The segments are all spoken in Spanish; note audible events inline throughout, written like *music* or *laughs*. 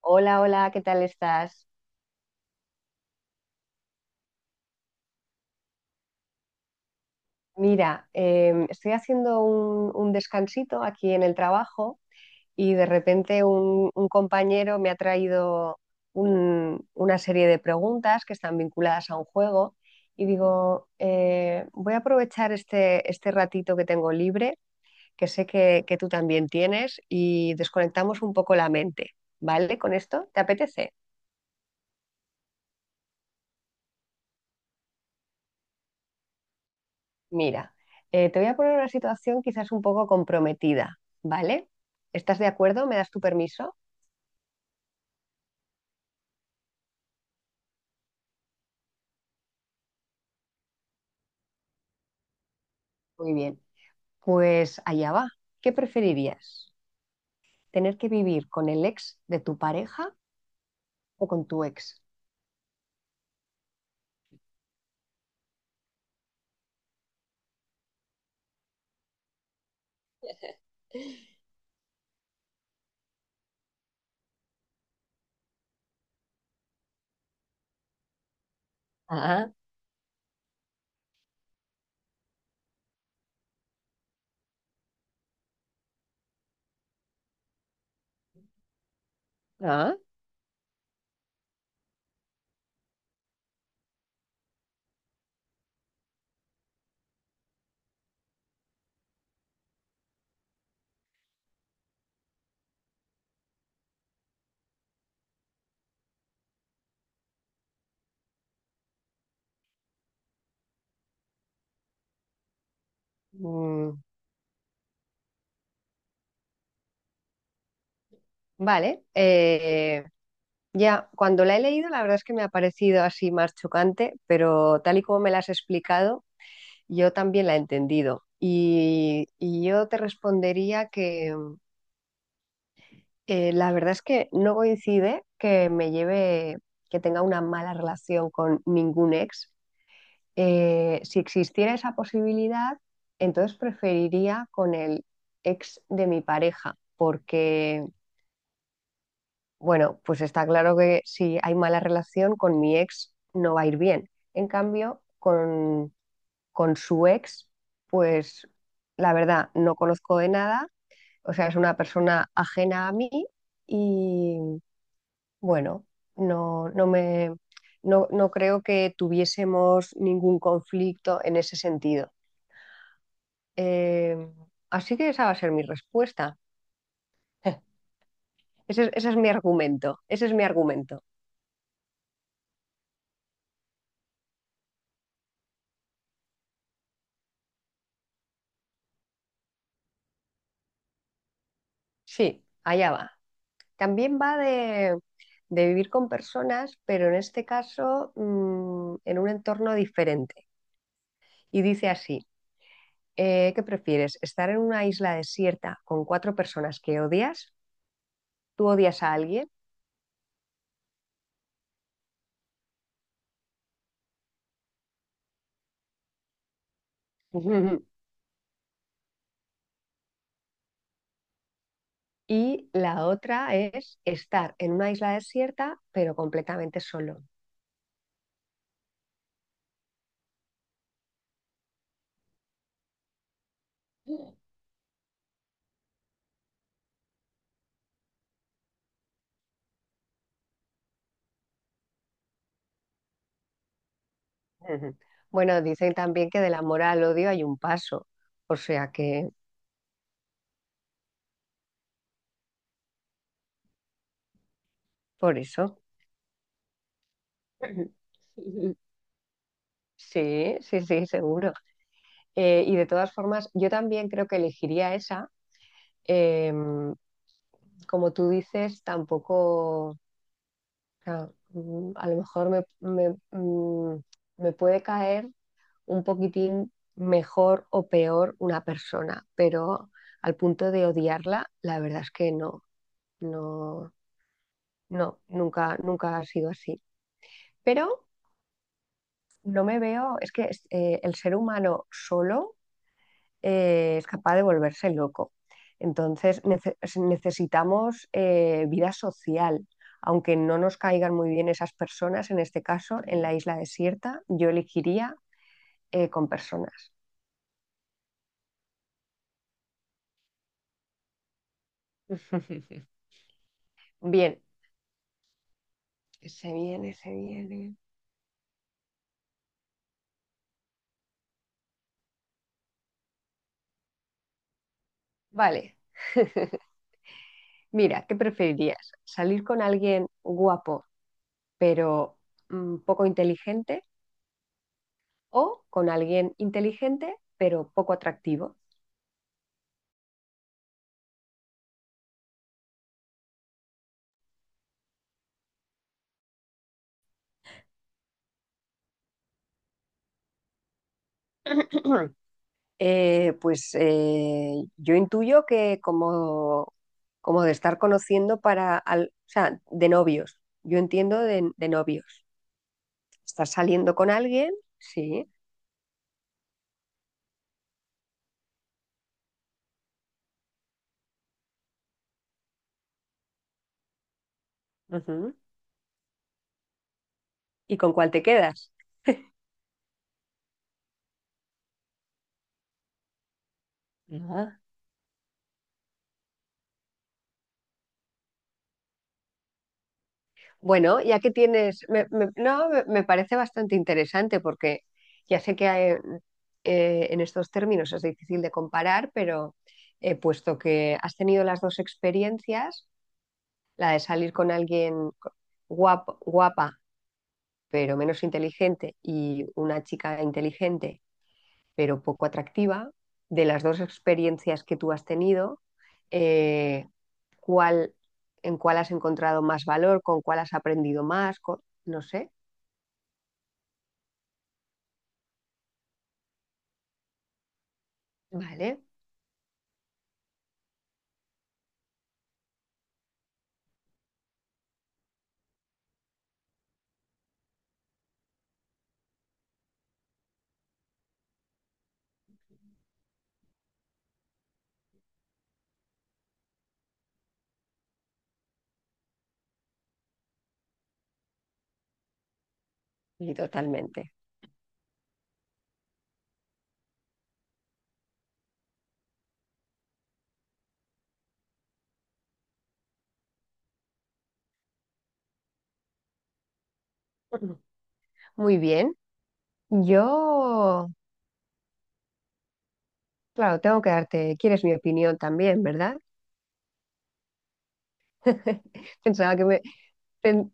Hola, hola, ¿qué tal estás? Mira, estoy haciendo un descansito aquí en el trabajo y de repente un compañero me ha traído una serie de preguntas que están vinculadas a un juego y digo, voy a aprovechar este ratito que tengo libre, que sé que tú también tienes, y desconectamos un poco la mente, ¿vale? ¿Con esto? ¿Te apetece? Mira, te voy a poner una situación quizás un poco comprometida, ¿vale? ¿Estás de acuerdo? ¿Me das tu permiso? Muy bien. Pues allá va. ¿Qué preferirías? ¿Tener que vivir con el ex de tu pareja o con tu ex? Ah, ah, Mm, vale. Ya, cuando la he leído, la verdad es que me ha parecido así más chocante, pero tal y como me la has explicado, yo también la he entendido. Y yo te respondería que... La verdad es que no coincide que me lleve, que tenga una mala relación con ningún ex. Si existiera esa posibilidad, entonces preferiría con el ex de mi pareja, porque, bueno, pues está claro que si hay mala relación con mi ex no va a ir bien. En cambio, con su ex, pues la verdad, no conozco de nada, o sea, es una persona ajena a mí y bueno, no, no me, no, no creo que tuviésemos ningún conflicto en ese sentido. Eh, Así que esa va a ser mi respuesta. *laughs* Ese es mi argumento. Ese es mi argumento. Sí, allá va. También va de vivir con personas, pero en este caso en un entorno diferente. Y dice así, ¿qué prefieres? ¿Estar en una isla desierta con cuatro personas que odias? ¿Tú odias a alguien? *laughs* Y la otra es estar en una isla desierta, pero completamente solo. Ujú. Bueno, dicen también que del amor al odio hay un paso, o sea que por eso. Ujú. *laughs* Sí, sí, sí, seguro. Y de todas formas, yo también creo que elegiría esa. Em, Como tú dices, tampoco, o sea, a lo mejor mm, me puede caer un poquitín mejor o peor una persona, pero al punto de odiarla, la verdad es que no, no, nunca, nunca ha sido así. Pero no me veo, es que el ser humano solo es capaz de volverse loco. Entonces necesitamos vida social. Aunque no nos caigan muy bien esas personas, en este caso, en la isla desierta, yo elegiría con personas. *laughs* Bien, se viene, se viene. Vale, *laughs* mira, ¿qué preferirías? ¿Salir con alguien guapo pero poco inteligente o con alguien inteligente pero poco atractivo? *clears throat* Pues yo intuyo que como, como de estar conociendo para, o sea, de novios, yo entiendo de novios. Estás saliendo con alguien, sí. Ujú. ¿Y con cuál te quedas? Bueno, ya que tienes, no, me parece bastante interesante porque ya sé que hay, en estos términos es difícil de comparar, pero puesto que has tenido las dos experiencias, la de salir con alguien guapo, guapa pero menos inteligente y una chica inteligente pero poco atractiva, de las dos experiencias que tú has tenido, eh, ¿cuál, en cuál has encontrado más valor, con cuál has aprendido más, no sé? Vale, y totalmente. Ujú. Muy bien. Yo, claro, tengo que darte, quieres mi opinión también, ¿verdad? *laughs* Pensaba que me, pen-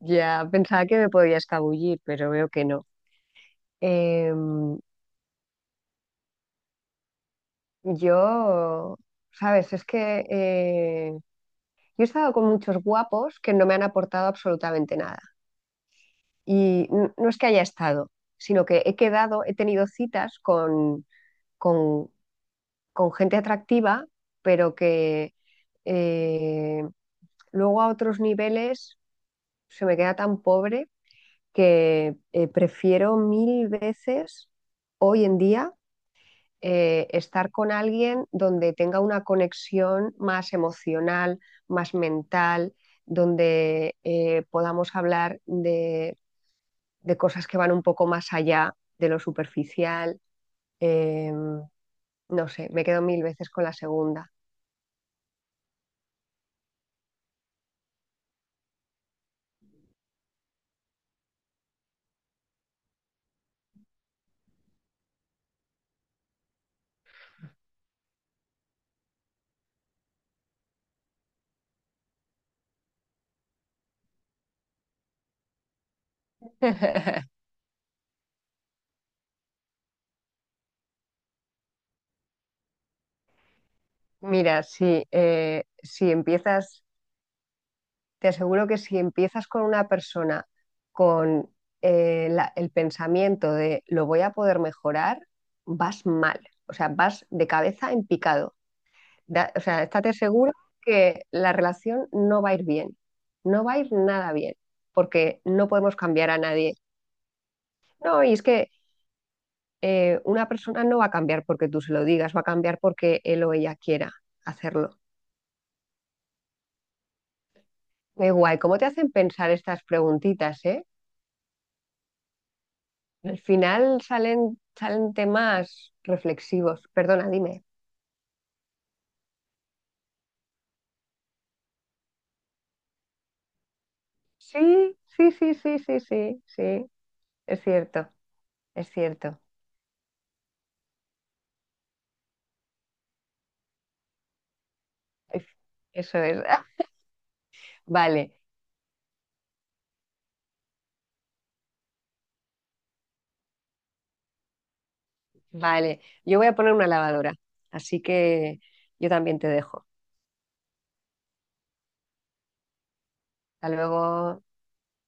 ya pensaba que me podía escabullir, pero veo que no. Em, yo, sabes, es que yo he estado con muchos guapos que no me han aportado absolutamente nada. Y no es que haya estado, sino que he quedado, he tenido citas con con gente atractiva, pero que eh, luego a otros niveles se me queda tan pobre que prefiero mil veces hoy en día estar con alguien donde tenga una conexión más emocional, más mental, donde podamos hablar de cosas que van un poco más allá de lo superficial. Em, no sé, me quedo mil veces con la segunda. *laughs* Mira, si, si empiezas, te aseguro que si empiezas con una persona con el pensamiento de lo voy a poder mejorar, vas mal, o sea, vas de cabeza en picado. O sea, estate seguro que la relación no va a ir bien, no va a ir nada bien, porque no podemos cambiar a nadie. No, y es que una persona no va a cambiar porque tú se lo digas, va a cambiar porque él o ella quiera hacerlo. Qué guay, ¿cómo te hacen pensar estas preguntitas, eh? Al final salen, salen temas reflexivos. Perdona, dime. Sí, sí, sí, sí, sí, sí, sí, es cierto, es cierto. Es- Eso es. *laughs* Vale, vale. Yo voy a poner una lavadora, así que yo también te dejo. Hasta luego.